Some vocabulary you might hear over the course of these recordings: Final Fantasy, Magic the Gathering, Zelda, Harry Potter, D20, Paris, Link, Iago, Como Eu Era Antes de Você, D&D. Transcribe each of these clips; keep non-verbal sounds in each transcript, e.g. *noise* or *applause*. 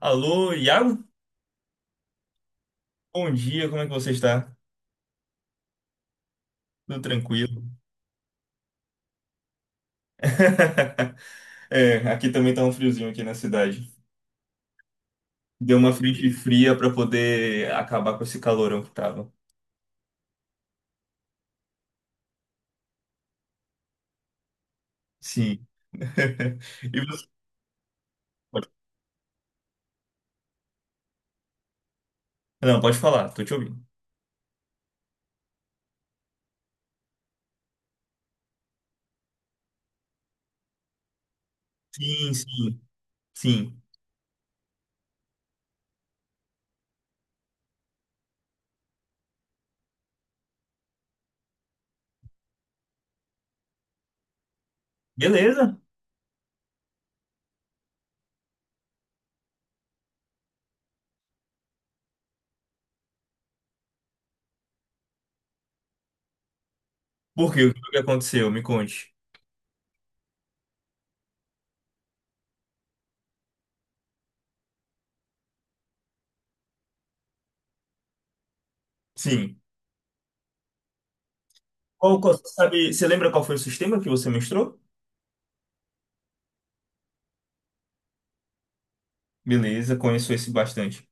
Alô, Iago? Bom dia, como é que você está? Tudo tranquilo? *laughs* É, aqui também tá um friozinho aqui na cidade. Deu uma frente fria para poder acabar com esse calorão que tava. Sim. *laughs* E você? Não, pode falar, tô te ouvindo. Sim, sim, sim. Beleza? Por quê? O que aconteceu? Me conte. Sim. Sabe, você lembra qual foi o sistema que você mestrou? Beleza, conheço esse bastante.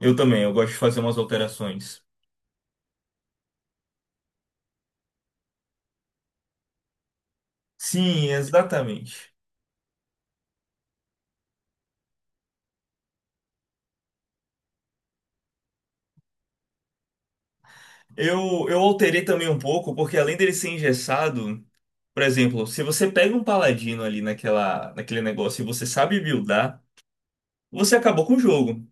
Eu também, eu gosto de fazer umas alterações. Sim, exatamente. Eu alterei também um pouco, porque além dele ser engessado, por exemplo, se você pega um paladino ali naquele negócio e você sabe buildar, você acabou com o jogo.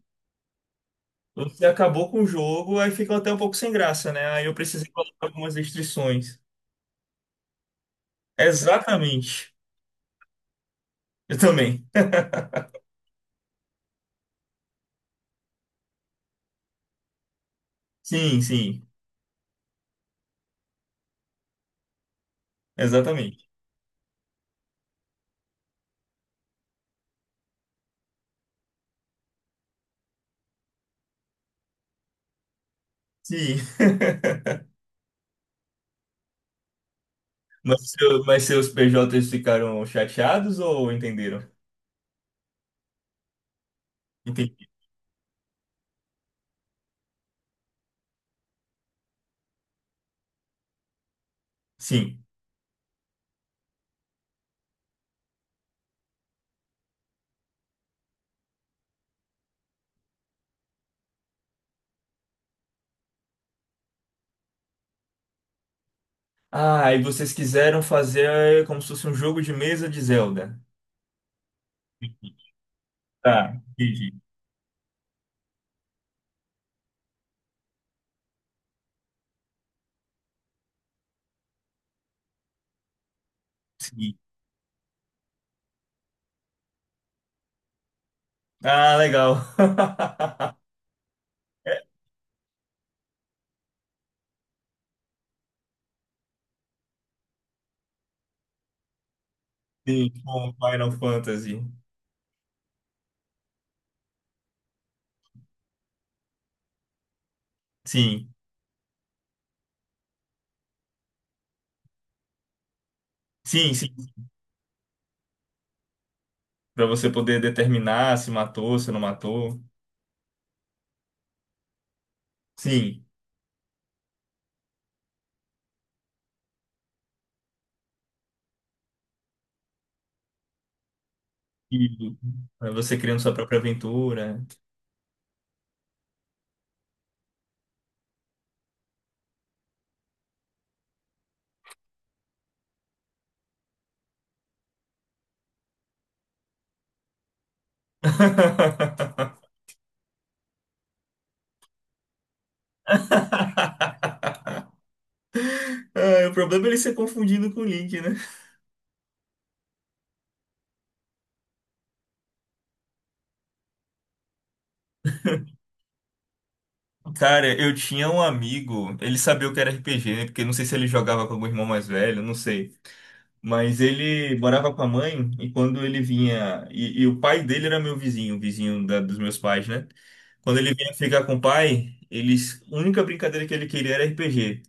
Você acabou com o jogo, aí fica até um pouco sem graça, né? Aí eu precisei colocar algumas restrições. Exatamente. Eu também. Sim, sim. Exatamente. Sim. *laughs* Mas seus PJs ficaram chateados ou entenderam? Entendi. Sim. Ah, e vocês quiseram fazer como se fosse um jogo de mesa de Zelda. Tá, entendi. Sim. Ah, legal. *laughs* Sim, com Final Fantasy. Sim, sim, sim. Para você poder determinar se matou, se não matou. Sim. E pra você criando sua própria aventura. *laughs* Ah, o problema é ele ser confundido com o Link, né? Cara, eu tinha um amigo, ele sabia o que era RPG, né? Porque não sei se ele jogava com algum irmão mais velho, não sei. Mas ele morava com a mãe e quando ele vinha. E o pai dele era meu vizinho, o vizinho dos meus pais, né? Quando ele vinha ficar com o pai, eles, a única brincadeira que ele queria era RPG.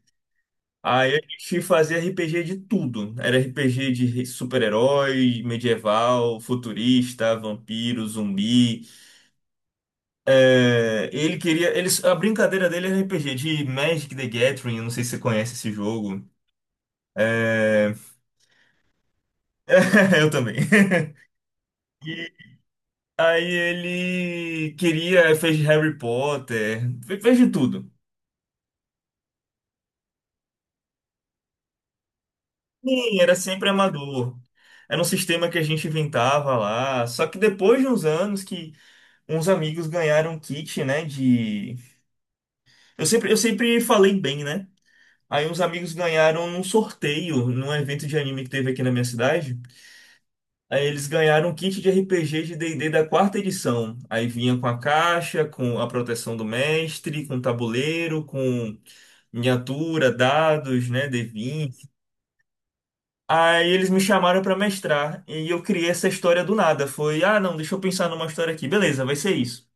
Aí a gente fazia RPG de tudo. Era RPG de super-herói, medieval, futurista, vampiro, zumbi. É, ele queria. Eles, a brincadeira dele era RPG de Magic the Gathering, eu não sei se você conhece esse jogo. É, *laughs* eu também. *laughs* Aí ele queria, fez Harry Potter, fez de tudo. Sim, era sempre amador. Era um sistema que a gente inventava lá. Só que depois de uns anos que uns amigos ganharam um kit, né, de... Eu sempre falei bem, né? Aí uns amigos ganharam num sorteio, num evento de anime que teve aqui na minha cidade. Aí eles ganharam um kit de RPG de D&D da quarta edição. Aí vinha com a caixa, com a proteção do mestre, com tabuleiro, com miniatura, dados, né, D20. Aí eles me chamaram para mestrar e eu criei essa história do nada. Foi, ah, não, deixa eu pensar numa história aqui. Beleza, vai ser isso.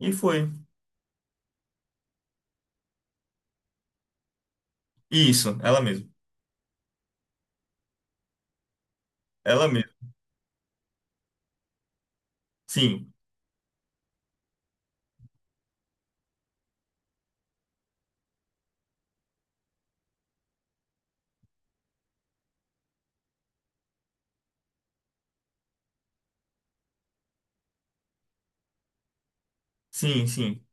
E foi. Isso, ela mesma. Ela mesma. Sim, sim, sim.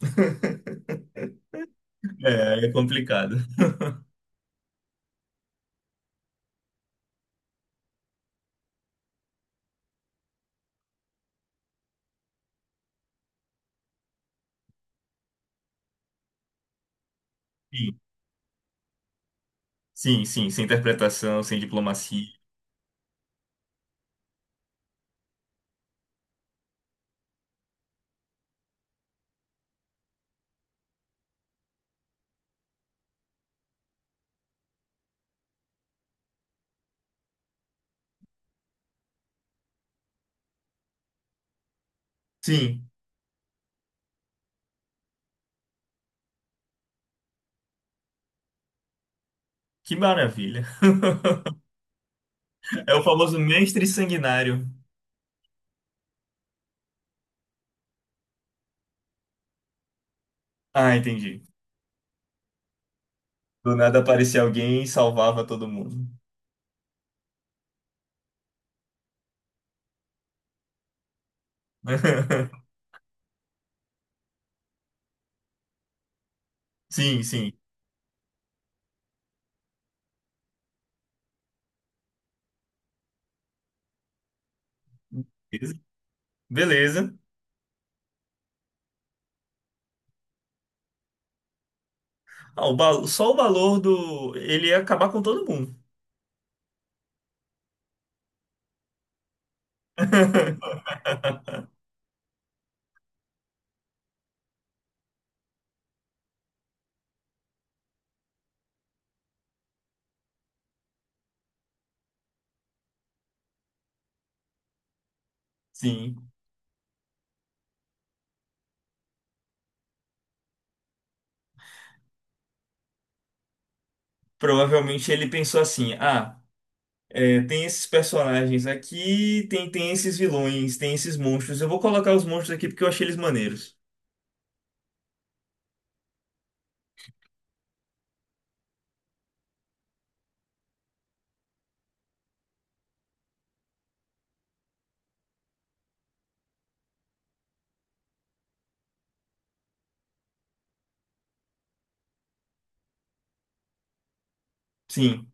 *laughs* É, é complicado. *laughs* Sim, sim, sim, sem interpretação, sem diplomacia. Sim. Que maravilha. É o famoso mestre sanguinário. Ah, entendi. Do nada aparecia alguém e salvava todo mundo. *laughs* Sim, sim. Beleza. Beleza. Ah, só o valor do. Ele ia acabar com todo mundo. *laughs* Sim. Provavelmente ele pensou assim: ah, é, tem esses personagens aqui, tem esses vilões, tem esses monstros. Eu vou colocar os monstros aqui porque eu achei eles maneiros. Sim.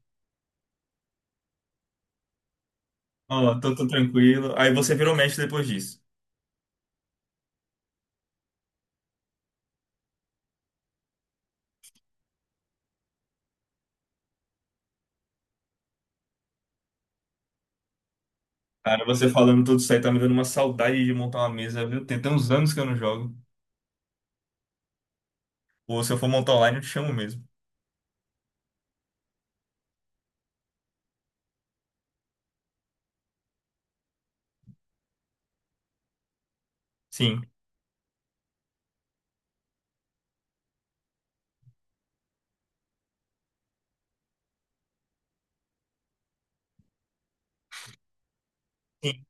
Ó, tô tranquilo. Aí você virou mestre depois disso. Cara, você falando tudo isso aí tá me dando uma saudade de montar uma mesa, viu? Tem até uns anos que eu não jogo. Ou se eu for montar online, eu te chamo mesmo. Sim. Sim.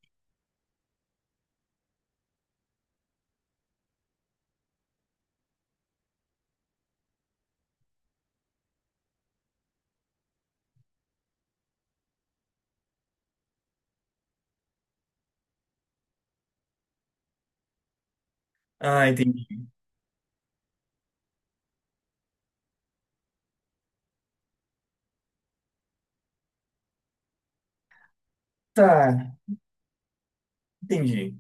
Ah, entendi. Tá, entendi.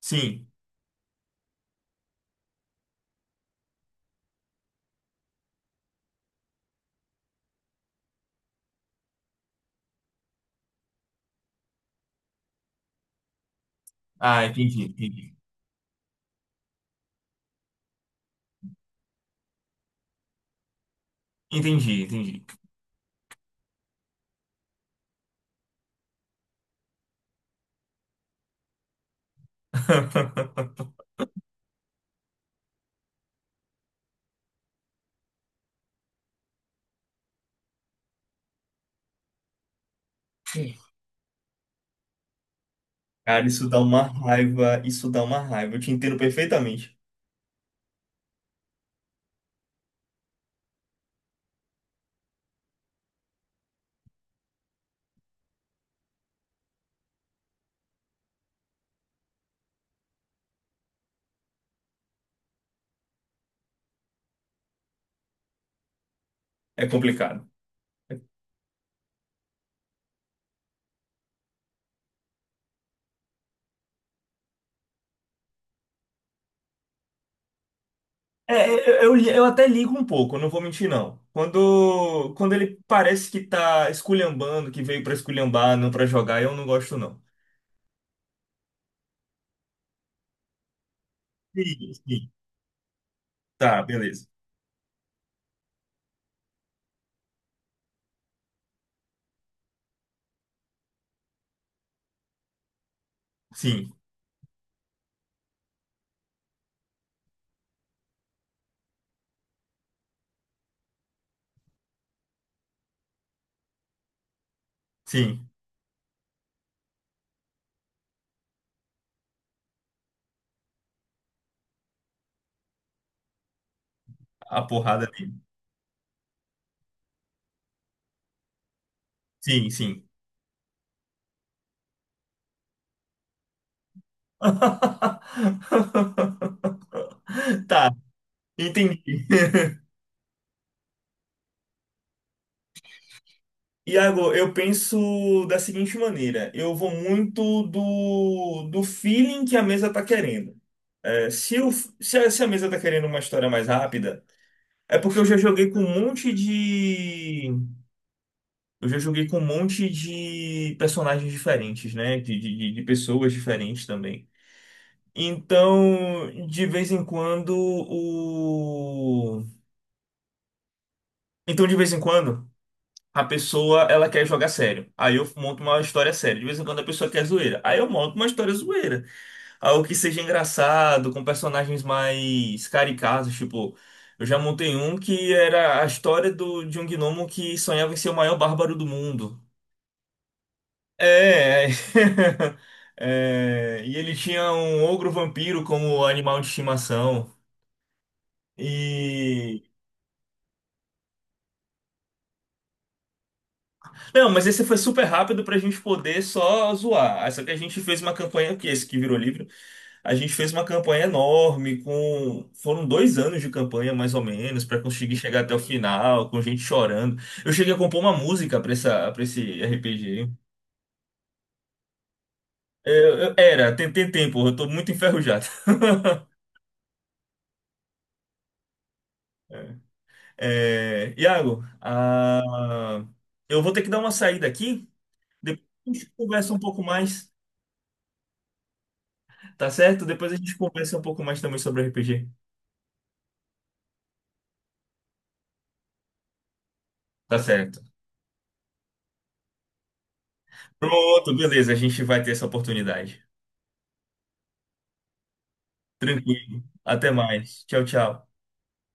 Sim. Ah, entendi, entendi. Entendi, entendi. *laughs* Cara, isso dá uma raiva, isso dá uma raiva. Eu te entendo perfeitamente. É complicado. É, eu até ligo um pouco, não vou mentir, não. Quando ele parece que tá esculhambando, que veio pra esculhambar, não pra jogar, eu não gosto, não. Sim, sim. Tá, beleza. Sim, sim. A porrada dele. Sim, sim. *laughs* Tá, entendi. Iago, eu penso da seguinte maneira: eu vou muito do feeling que a mesa tá querendo. É, se a mesa tá querendo uma história mais rápida, é porque eu já joguei com um monte de. Eu já joguei com um monte de personagens diferentes, né? De pessoas diferentes também. Então, de vez em quando o Então, de vez em quando a pessoa ela quer jogar sério. Aí eu monto uma história séria. De vez em quando a pessoa quer zoeira. Aí eu monto uma história zoeira, algo que seja engraçado, com personagens mais caricatos, tipo, eu já montei um que era a história do... de um gnomo que sonhava em ser o maior bárbaro do mundo. É, *laughs* é, e ele tinha um ogro vampiro como animal de estimação. E, não, mas esse foi super rápido pra gente poder só zoar. Ah, só que a gente fez uma campanha, que esse que virou livro, a gente fez uma campanha enorme, com. Foram 2 anos de campanha, mais ou menos, pra conseguir chegar até o final, com gente chorando. Eu cheguei a compor uma música pra essa, pra esse RPG. Era, tem tempo, eu tô muito enferrujado. É, é, Iago, ah, eu vou ter que dar uma saída aqui. Depois a gente conversa um pouco mais, tá certo? Depois a gente conversa um pouco mais também sobre RPG. Tá certo. Pronto, beleza. A gente vai ter essa oportunidade. Tranquilo. Até mais. Tchau, tchau.